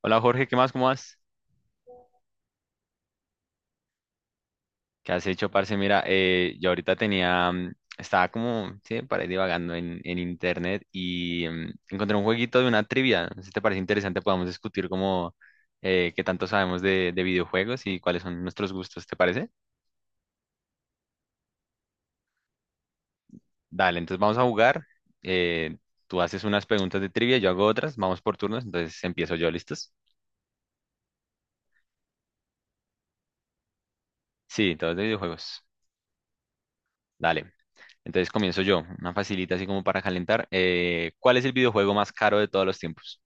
Hola Jorge, ¿qué más? ¿Cómo vas? ¿Qué has hecho, parce? Mira, yo ahorita tenía, estaba como, sí, para ir divagando en internet y encontré un jueguito de una trivia. No sé si te parece interesante, podamos discutir como qué tanto sabemos de videojuegos y cuáles son nuestros gustos, ¿te parece? Dale, entonces vamos a jugar. eh, Tú haces unas preguntas de trivia, yo hago otras, vamos por turnos, entonces empiezo yo, ¿listos? Sí, todos de videojuegos. Dale. Entonces comienzo yo, una facilita así como para calentar. ¿Cuál es el videojuego más caro de todos los tiempos?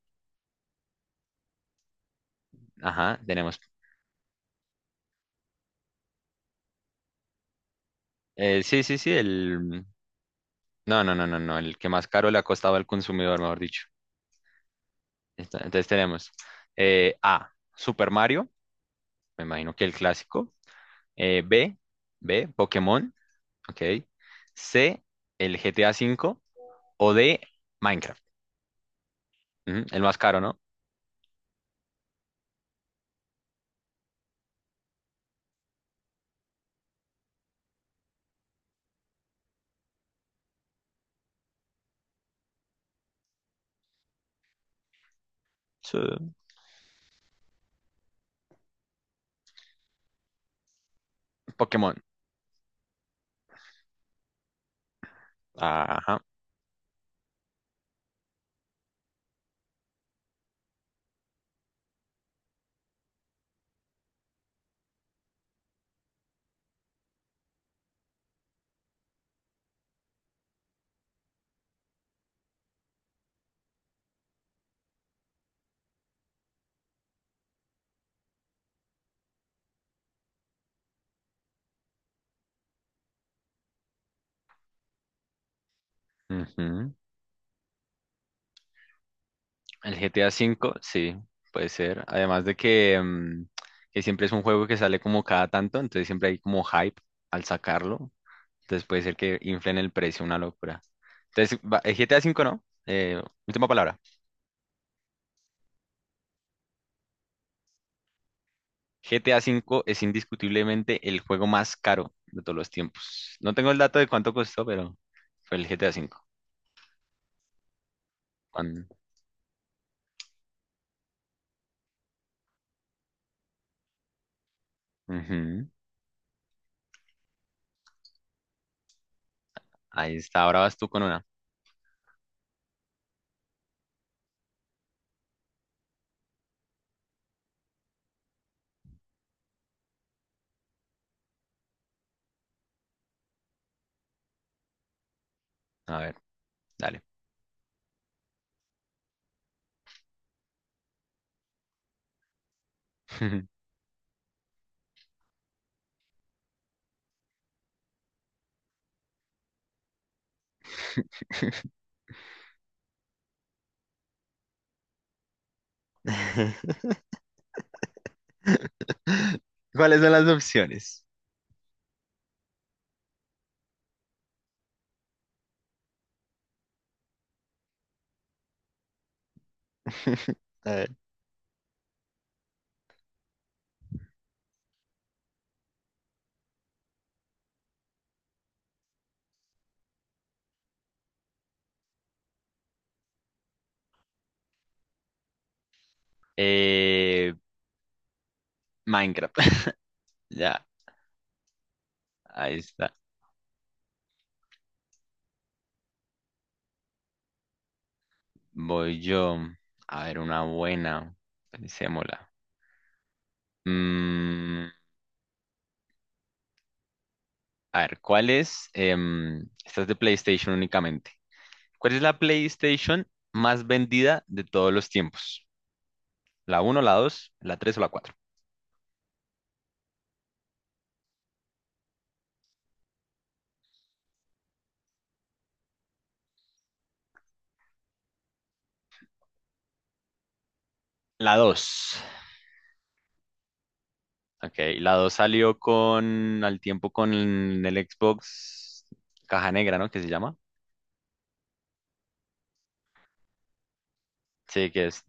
Ajá, tenemos. Sí, sí, sí. No, no, no, no, no, el que más caro le ha costado al consumidor, mejor dicho. Entonces tenemos A, Super Mario, me imagino que el clásico. eh, B, B, Pokémon, ok. C, el GTA cinco. O D, Minecraft. Ujú, el más caro, ¿no? Sí. Pokémon. Ajá. Ujú. El GTA V, sí, puede ser. Además de que siempre es un juego que sale como cada tanto, entonces siempre hay como hype al sacarlo. Entonces puede ser que inflen el precio, una locura. Entonces, el GTA V no. Última palabra. GTA V es indiscutiblemente el juego más caro de todos los tiempos. No tengo el dato de cuánto costó, pero fue el GTA V. Cuan- Ujú. Ahí está, ahora vas tú con una. A ver, dale. ¿Cuáles son las opciones? A ver. Eh, Minecraft. Ya, ahí está. Voy yo. A ver, una buena. Pensémosla. Mm, a ver, ¿cuál es? Esta es de PlayStation únicamente. ¿Cuál es la PlayStation más vendida de todos los tiempos? ¿La uno, la 2, la 3 o la cuatro? La 2. Ok, la dos salió con, al tiempo con el Xbox Caja Negra, ¿no? ¿Qué se llama? Sí, que es.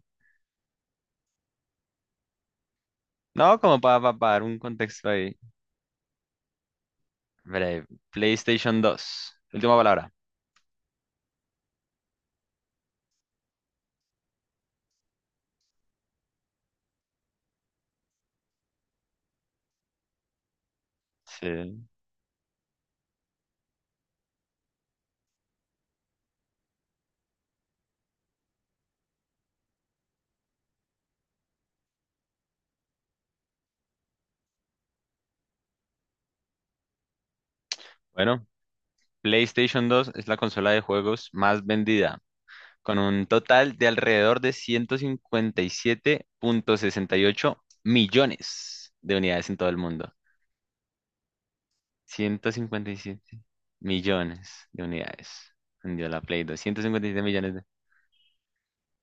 No, como para dar un contexto ahí. Breve. PlayStation dos. Última palabra. Sí. Bueno, PlayStation dos es la consola de juegos más vendida, con un total de alrededor de ciento cincuenta y siete punto sesenta y ocho millones de unidades en todo el mundo. 157 millones de unidades vendió la Play dos. 157 millones.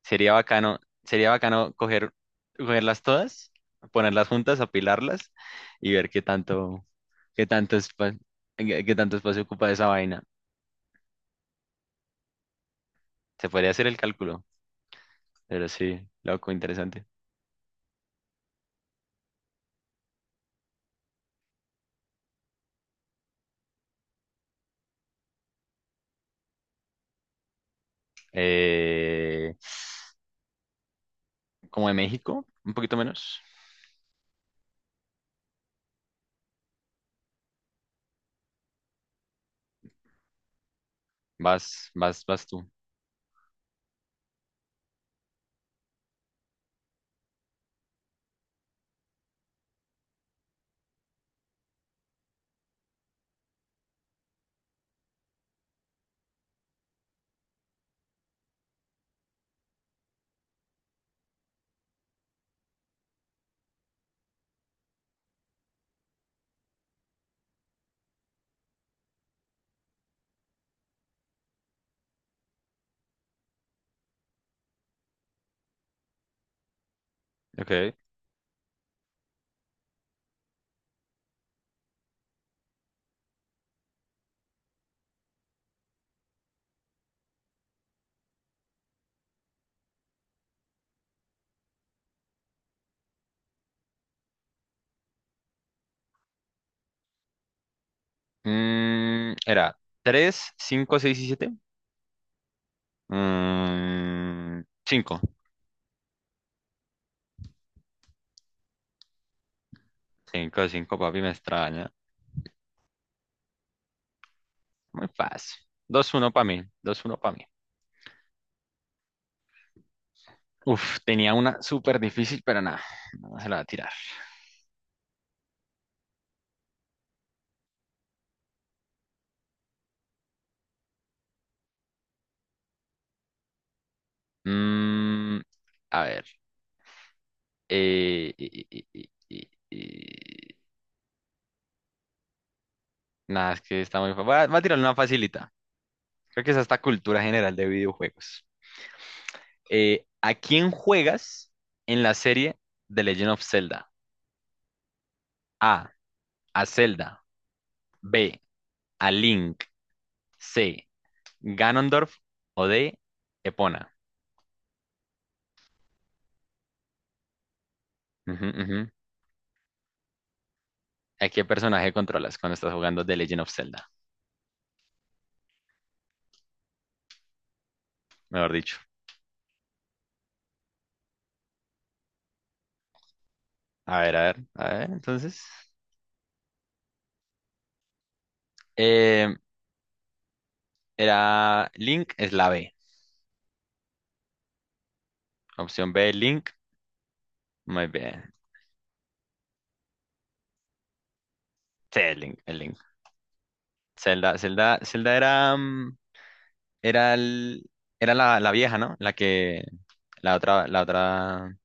Sería bacano coger, cogerlas todas, ponerlas juntas, apilarlas y ver qué tanto, qué tanto espa- qué tanto espacio ocupa esa vaina. Se podría hacer el cálculo, pero sí, loco, interesante. Eh, Como de México, un poquito menos. Vas, vas, vas tú. Ok. Era tres, cinco, 6 y siete. Cinco, cinco, 5, papi, me extraña. Muy fácil. 2-1 para mí. 2-1 para mí. Uf, tenía una súper difícil, pero nada. No se la va a tirar. Mm, a ver. eh, eh, eh, eh, eh, eh, Nada, es que está muy fácil. Va, va a tirar una facilita. Creo que es hasta cultura general de videojuegos. ¿A quién juegas en la serie The Legend of Zelda? A. A Zelda. B. A Link. C. Ganondorf. O D. Epona. Ujú, ujú. ¿A qué personaje controlas cuando estás jugando The Legend of Zelda? Mejor dicho. A ver, a ver, a ver, entonces. Eh, Era Link, es la B. Opción B, Link. Muy bien. Sí, Link, el Link. Zelda, Zelda, Zelda era, era la vieja, ¿no? La otra,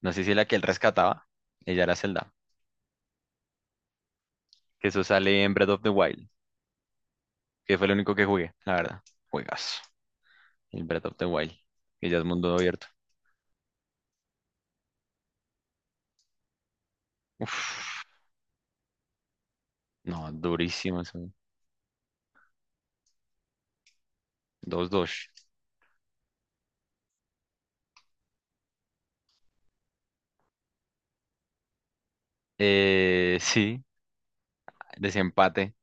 no sé si la que él rescataba. Ella era Zelda. Que eso sale en Breath of the Wild, que fue el único que jugué, la verdad. Juegas. El Breath of the Wild, que ya es mundo abierto. Uf. No, durísimo eso. Dos dos. Sí, desempate.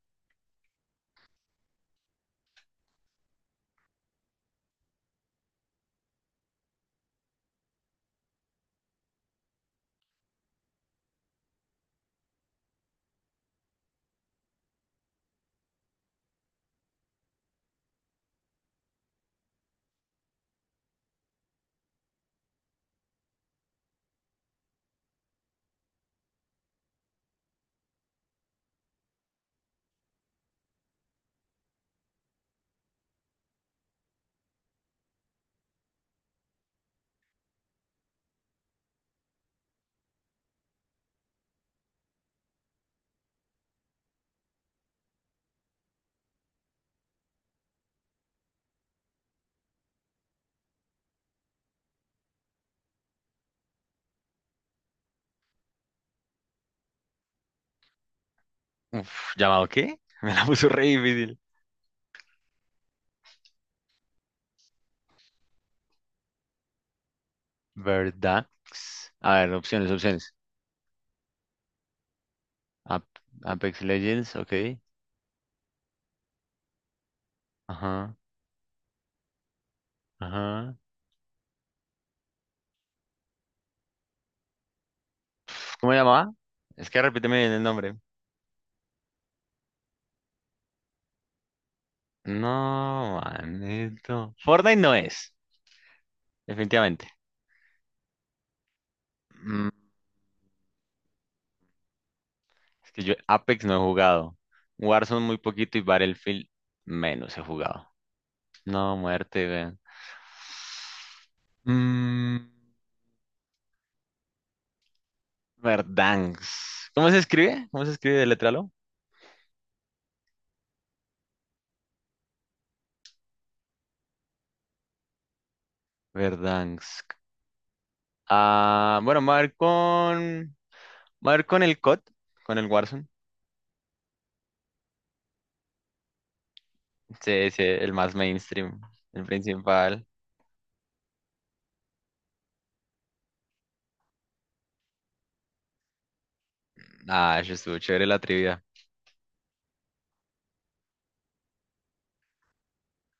Uf, ¿llamado qué? Me la puso re difícil. ¿Verdad? A ver, opciones, opciones. Ap- Apex Legends, ok. Ajá, ajá. ¿Cómo se llamaba? Es que repíteme bien el nombre. No, manito. Fortnite no es, definitivamente. Mm, es que yo Apex no he jugado. Warzone muy poquito y Battlefield menos he jugado. No, muerte, güey. Mm, Verdansk. ¿Cómo se escribe? ¿Cómo se escribe? Letralo. Verdansk. Ah, bueno, Me voy a ir con el COD, con el Warzone. Sí, sí, el más mainstream, el principal. Ah, eso estuvo chévere la trivia.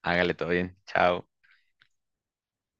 Hágale todo bien. Chao.